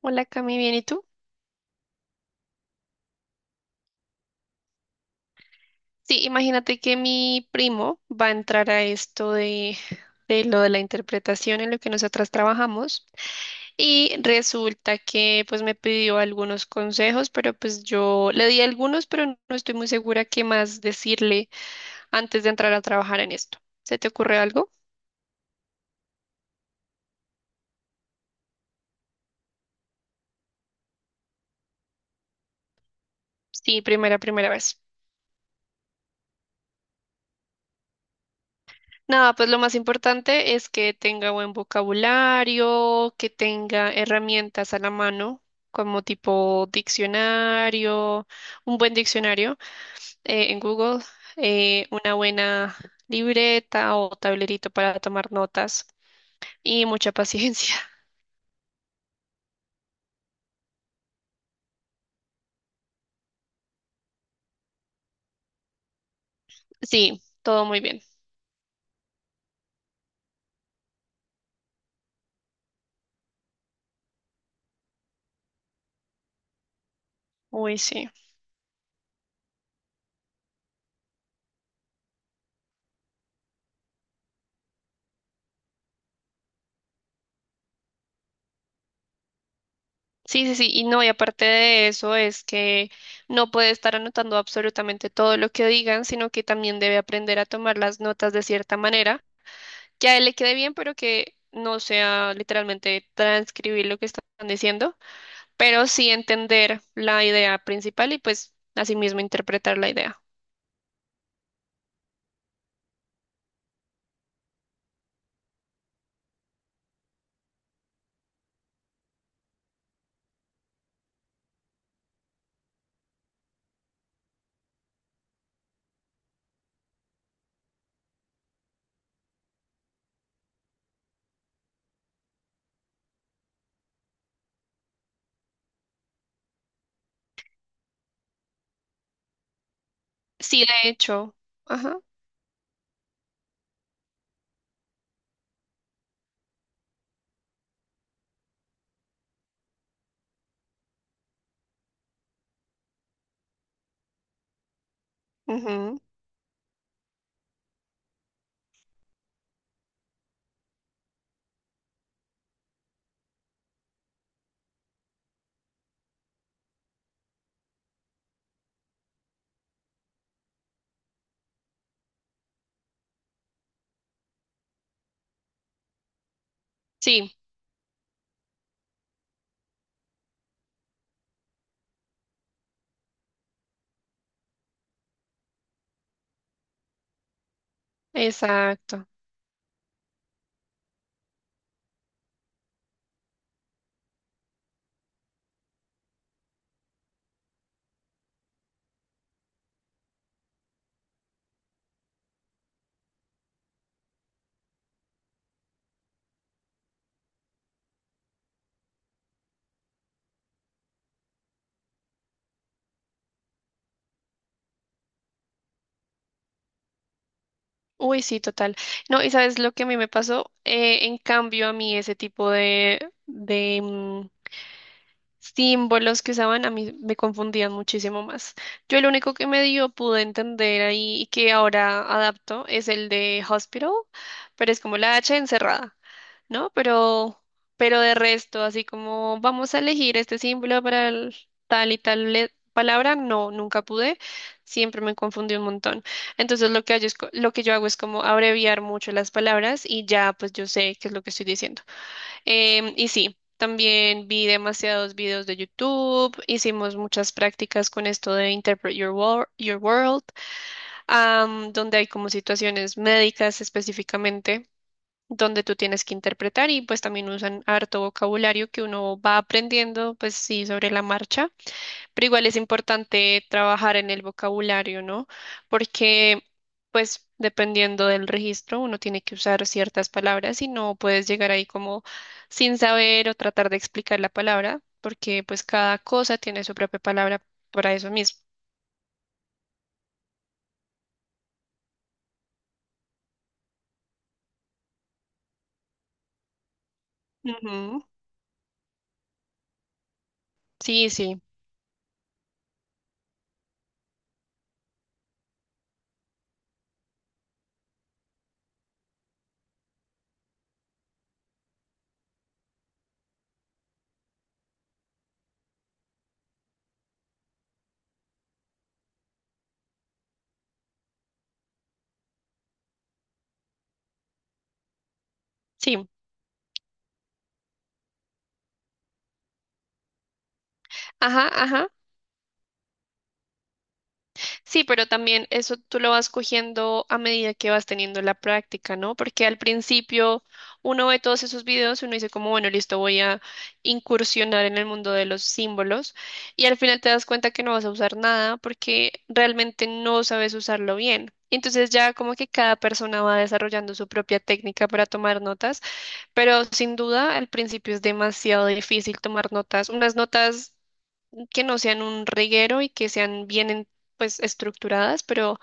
Hola Cami, ¿bien y tú? Sí, imagínate que mi primo va a entrar a esto de lo de la interpretación en lo que nosotras trabajamos y resulta que pues me pidió algunos consejos, pero pues yo le di algunos, pero no estoy muy segura qué más decirle antes de entrar a trabajar en esto. ¿Se te ocurre algo? Sí, primera vez. Nada, pues lo más importante es que tenga buen vocabulario, que tenga herramientas a la mano, como tipo diccionario, un buen diccionario en Google, una buena libreta o tablerito para tomar notas y mucha paciencia. Sí, todo muy bien. Uy, sí. Sí, sí, sí. Y no, y aparte de eso es que no puede estar anotando absolutamente todo lo que digan, sino que también debe aprender a tomar las notas de cierta manera que a él le quede bien, pero que no sea literalmente transcribir lo que están diciendo, pero sí entender la idea principal y pues asimismo interpretar la idea. Sí, de hecho. Ajá. Ujú, sí, exacto. Uy, sí, total. No, y sabes lo que a mí me pasó. En cambio a mí ese tipo de símbolos que usaban, a mí me confundían muchísimo más. Yo el único que medio pude entender ahí y que ahora adapto es el de hospital, pero es como la H encerrada, ¿no? Pero de resto, así como vamos a elegir este símbolo para el tal y tal le- palabra, no, nunca pude, siempre me confundí un montón. Entonces lo que yo hago es como abreviar mucho las palabras y ya pues yo sé qué es lo que estoy diciendo. Y sí, también vi demasiados videos de YouTube, hicimos muchas prácticas con esto de Your World, donde hay como situaciones médicas específicamente, donde tú tienes que interpretar y pues también usan harto vocabulario que uno va aprendiendo, pues sí, sobre la marcha. Pero igual es importante trabajar en el vocabulario, ¿no? Porque, pues, dependiendo del registro, uno tiene que usar ciertas palabras y no puedes llegar ahí como sin saber o tratar de explicar la palabra, porque pues cada cosa tiene su propia palabra para eso mismo. Ujú. Sí, sí, sí. Ajá, ajá. Sí, pero también eso tú lo vas cogiendo a medida que vas teniendo la práctica, ¿no? Porque al principio uno ve todos esos videos y uno dice como, bueno, listo, voy a incursionar en el mundo de los símbolos y al final te das cuenta que no vas a usar nada porque realmente no sabes usarlo bien. Entonces ya como que cada persona va desarrollando su propia técnica para tomar notas, pero sin duda al principio es demasiado difícil tomar notas, unas notas que no sean un reguero y que sean pues estructuradas, pero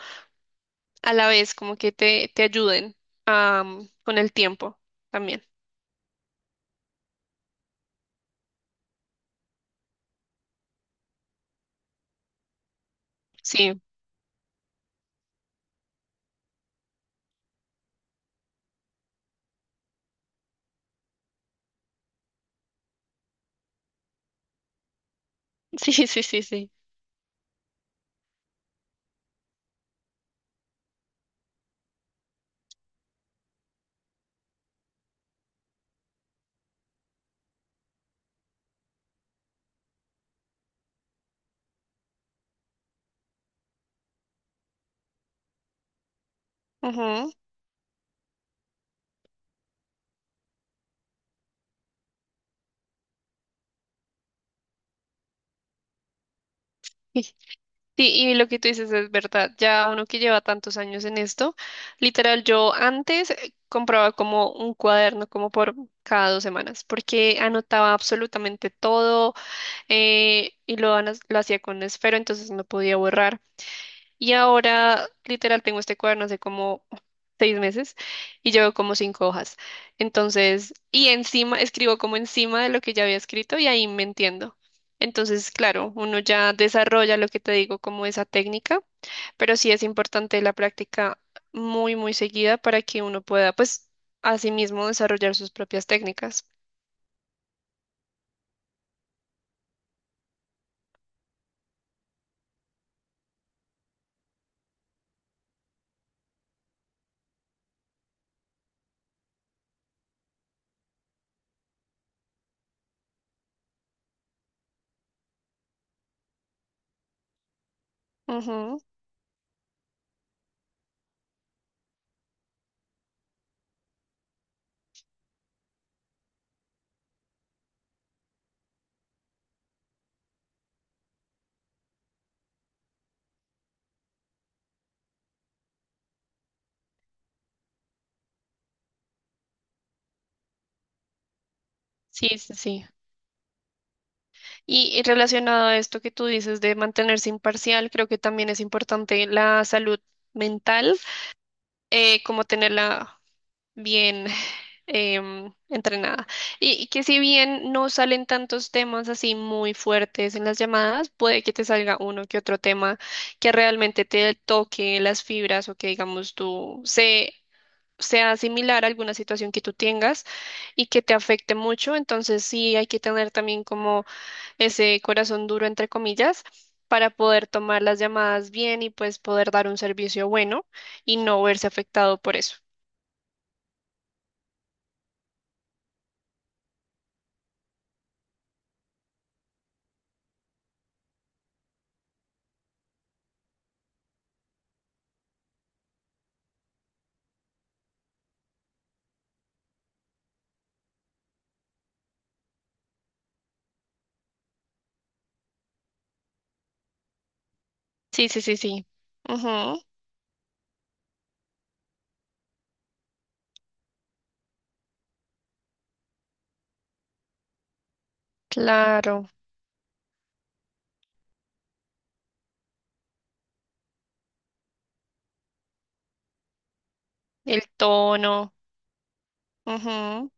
a la vez como que te ayuden con el tiempo también. Sí, sí, sí, sí, sí. Ujú. Y- Sí, y lo que tú dices es verdad. Ya uno que lleva tantos años en esto, literal, yo antes compraba como un cuaderno como por cada 2 semanas, porque anotaba absolutamente todo lo hacía con esfero, entonces no podía borrar. Y ahora, literal, tengo este cuaderno hace como 6 meses y llevo como 5 hojas. Entonces, y encima, escribo como encima de lo que ya había escrito y ahí me entiendo. Entonces, claro, uno ya desarrolla lo que te digo como esa técnica, pero sí es importante la práctica muy seguida para que uno pueda, pues, asimismo desarrollar sus propias técnicas. Ujú. Sí, sí, sí. Y relacionado a esto que tú dices de mantenerse imparcial, creo que también es importante la salud mental, como tenerla bien entrenada. Y que si bien no salen tantos temas así muy fuertes en las llamadas, puede que te salga uno que otro tema que realmente te toque las fibras o que digamos sea similar a alguna situación que tú tengas y que te afecte mucho, entonces sí hay que tener también como ese corazón duro, entre comillas, para poder tomar las llamadas bien y pues poder dar un servicio bueno y no verse afectado por eso. Sí, sí, sí, sí. Ujú, claro, el tono. Ujú,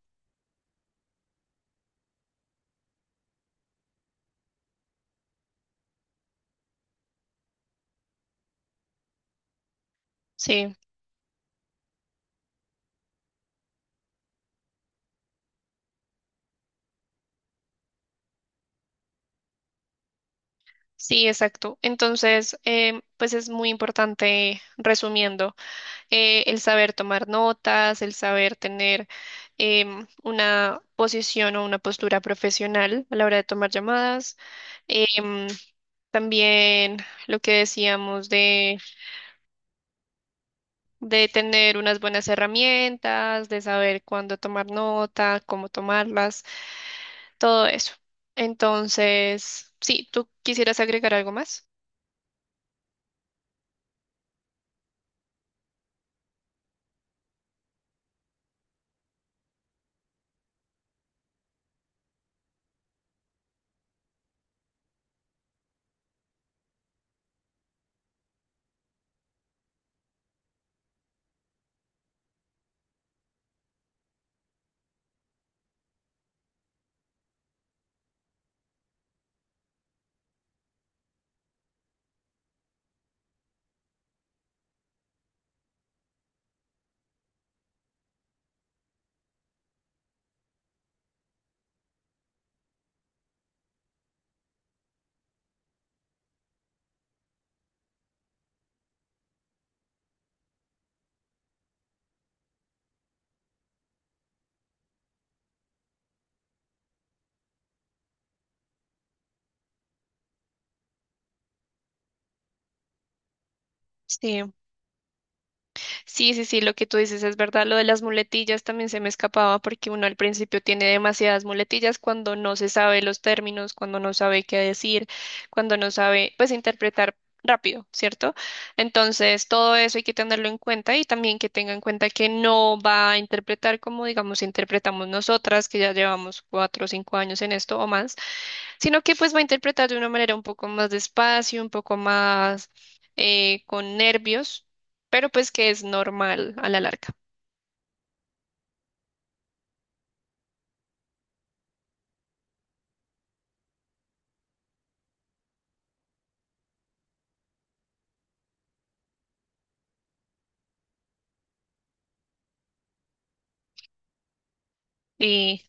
sí, sí, exacto. Entonces, pues es muy importante, resumiendo, el saber tomar notas, el saber tener una posición o una postura profesional a la hora de tomar llamadas. em, También lo que decíamos de tener unas buenas herramientas, de saber cuándo tomar nota, cómo tomarlas, todo eso. Entonces, sí, ¿tú quisieras agregar algo más? Sí. Sí, sí, sí, lo que tú dices es verdad. Lo de las muletillas también se me escapaba porque uno al principio tiene demasiadas muletillas cuando no se sabe los términos, cuando no sabe qué decir, cuando no sabe, pues, interpretar rápido, ¿cierto? Entonces, todo eso hay que tenerlo en cuenta y también que tenga en cuenta que no va a interpretar como, digamos, interpretamos nosotras, que ya llevamos 4 o 5 años en esto o más, sino que pues va a interpretar de una manera un poco más despacio, un poco más con nervios, pero pues que es normal a la larga. Y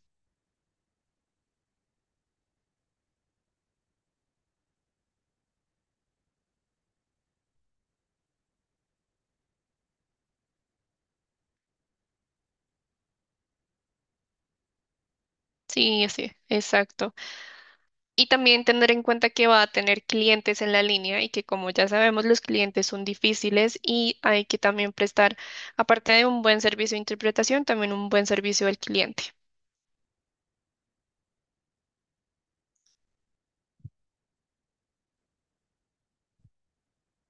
sí, sí, exacto. Y también tener en cuenta que va a tener clientes en la línea y que como ya sabemos los clientes son difíciles y hay que también prestar, aparte de un buen servicio de interpretación, también un buen servicio al cliente.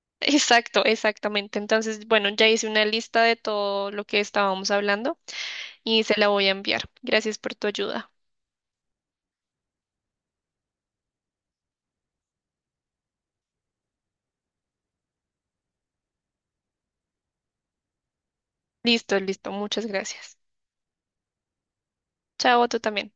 Exacto, exactamente. Entonces, bueno, ya hice una lista de todo lo que estábamos hablando y se la voy a enviar. Gracias por tu ayuda. Listo, listo. Muchas gracias. Chao, tú también.